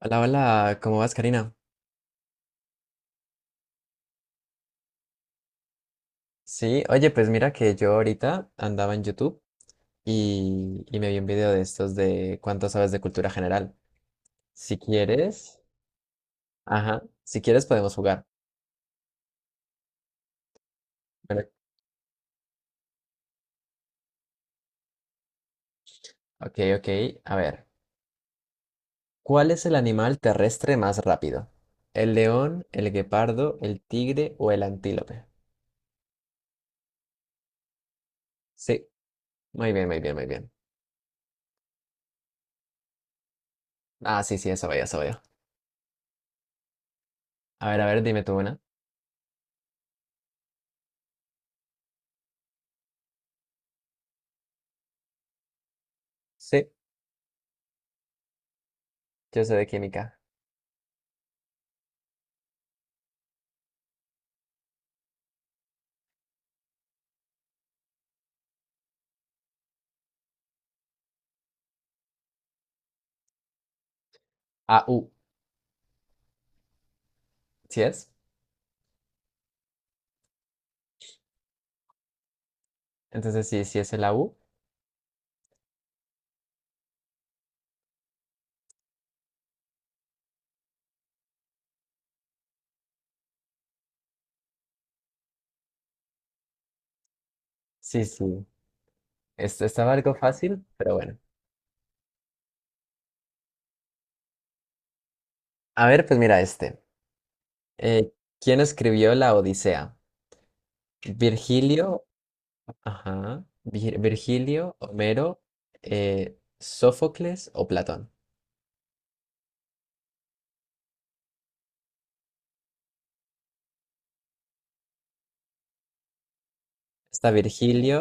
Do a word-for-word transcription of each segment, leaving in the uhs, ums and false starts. Hola, hola, ¿cómo vas, Karina? Sí, oye, pues mira que yo ahorita andaba en YouTube y, y me vi un video de estos de cuánto sabes de cultura general. Si quieres, ajá, si quieres podemos jugar. Pero- Ok, ok, a ver. ¿Cuál es el animal terrestre más rápido? ¿El león, el guepardo, el tigre o el antílope? Sí, muy bien, muy bien, muy bien. Ah, sí, sí, eso veo, eso veo. A ver, a ver, dime tú una. Sí, yo soy de química. A u, ¿sí es? Entonces sí, sí es el A u. Sí, sí. Esto estaba algo fácil, pero bueno. A ver, pues mira este. Eh, ¿Quién escribió la Odisea? Virgilio, ajá, Vir- Virgilio, Homero, eh, Sófocles o Platón. Está Virgilio,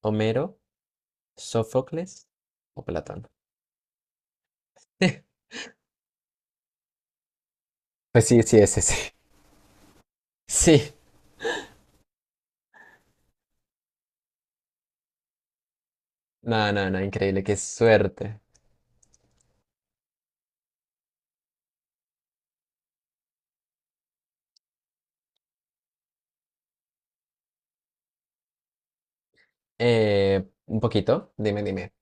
Homero, Sófocles o Platón. Pues sí, sí, ese sí. Sí. No, no, no, increíble, qué suerte. Eh, un poquito, dime, dime.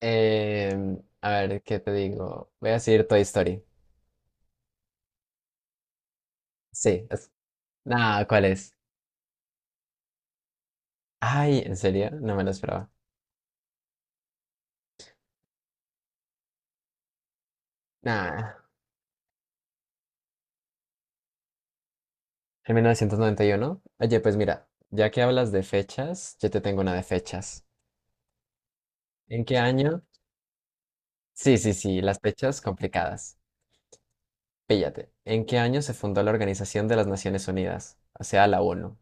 Em, a ver, ¿qué te digo? Voy a decir Toy Story. Sí, nah, ¿cuál es? Ay, ¿en serio? No me lo esperaba. Nah, en mil novecientos noventa y uno. Oye, pues mira, ya que hablas de fechas, yo te tengo una de fechas. ¿En qué año? Sí, sí, sí, las fechas complicadas. Píllate. ¿En qué año se fundó la Organización de las Naciones Unidas? O sea, la ONU.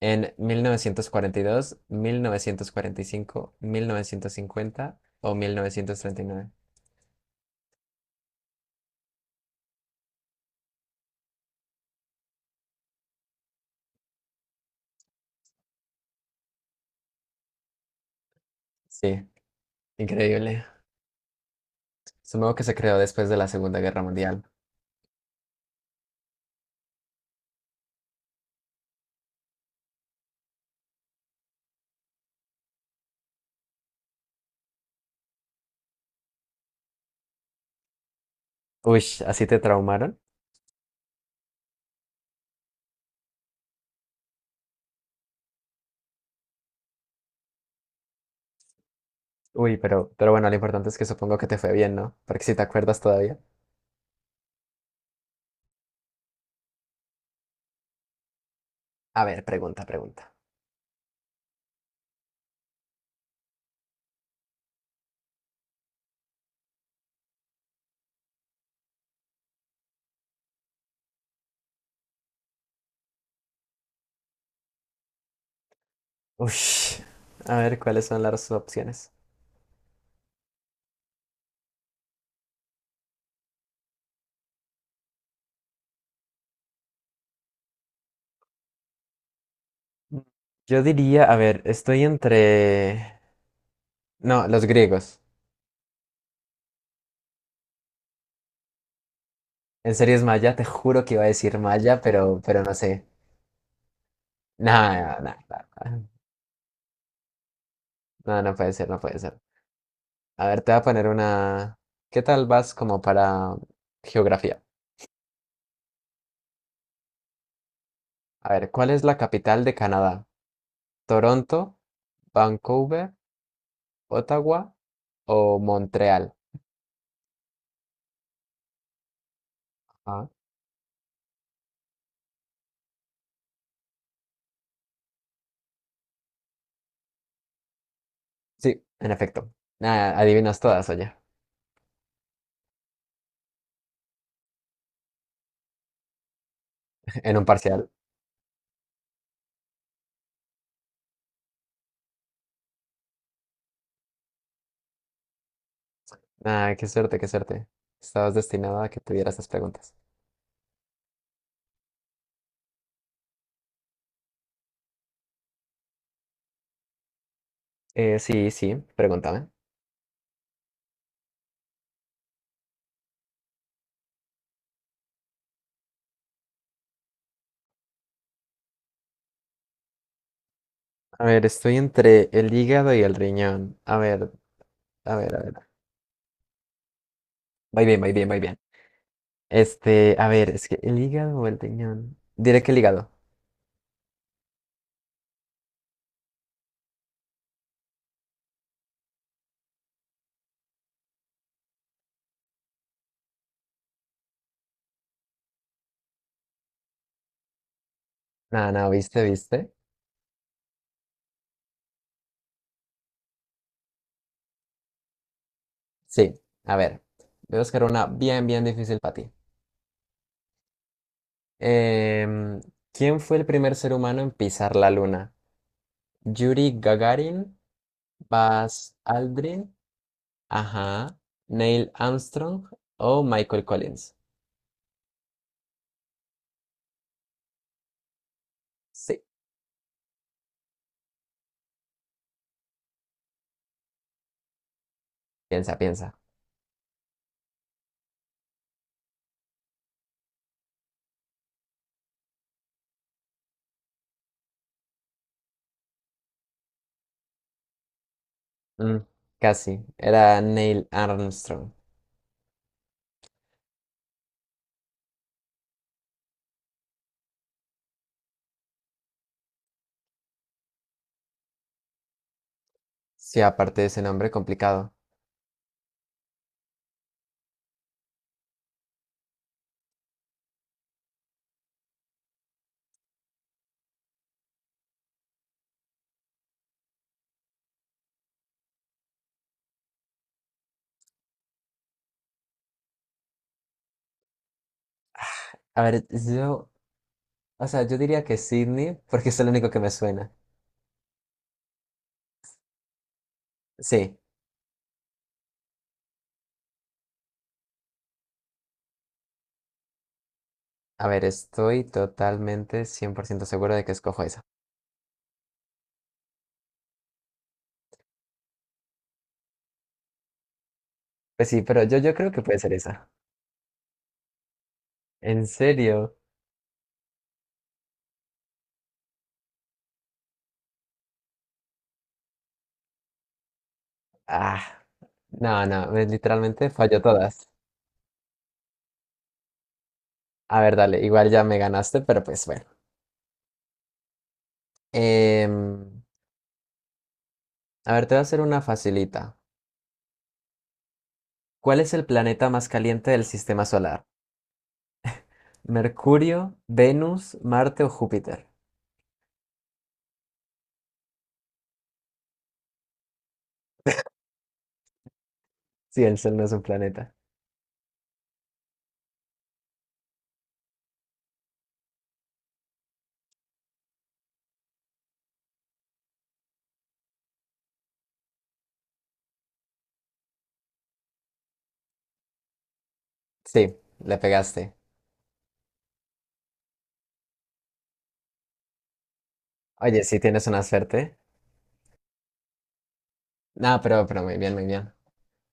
¿En mil mil novecientos novecientos cuarenta cuarenta y y dos, mil novecientos cuarenta y cinco, mil novecientos cincuenta o mil novecientos treinta y nueve? Sí, increíble. Supongo que se creó después de la Segunda Guerra Mundial. Uy, ¿así te traumaron? Uy, pero, pero bueno, lo importante es que supongo que te fue bien, ¿no? Porque si te acuerdas todavía. A ver, pregunta, pregunta. Uy, a ver, ¿cuáles son las opciones? Mm. Yo diría, a ver, estoy entre... No, los griegos. En serio es maya, te juro que iba a decir maya, pero, pero no sé. Nada, nada, nada. No, no no puede ser, no puede ser. A ver, te voy a poner una... ¿Qué tal vas como para geografía? A ver, ¿cuál es la capital de Canadá? ¿Toronto, Vancouver, Ottawa o Montreal? Ah, sí, en efecto. Nada, adivinas todas, oye. En un parcial. Ah, qué suerte, qué suerte. Estabas destinado a que tuvieras esas preguntas. Eh, sí, sí, pregúntame. A ver, estoy entre el hígado y el riñón. A ver, a ver, a ver. Va bien, va bien, va bien. Este, a ver, es que el hígado o el riñón. Diré que el hígado. Nada, nada, ¿viste, viste? Sí, a ver. Voy a buscar una bien, bien difícil para ti. Em, ¿Quién fue el primer ser humano en pisar la luna? Yuri Gagarin, Buzz Aldrin, ajá, Neil Armstrong o Michael Collins. Sí, piensa, piensa. Mm, Casi, era Neil Armstrong. Sí, aparte de ese nombre complicado. A ver, yo, o sea, yo diría que Sydney, porque es el único que me suena. Sí, a ver, estoy totalmente cien por ciento seguro de que escojo esa. Pues sí, pero yo, yo creo que puede ser esa. ¿En serio? Ah, no, no, me- literalmente falló todas. A ver, dale, igual ya me ganaste, pero pues bueno. Em, a ver, te voy a hacer una facilita. ¿Cuál es el planeta más caliente del sistema solar? ¿Mercurio, Venus, Marte o Júpiter? Sí, el Sol no es un planeta. Sí, le pegaste. Oye, sí tienes una suerte. No, pero, pero muy bien, muy bien.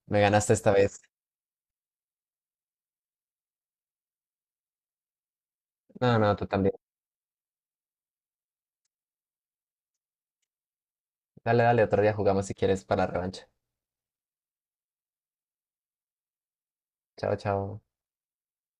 Me ganaste esta vez. No, no, tú también. Dale, dale, otro día jugamos si quieres para revancha. Chao, chao.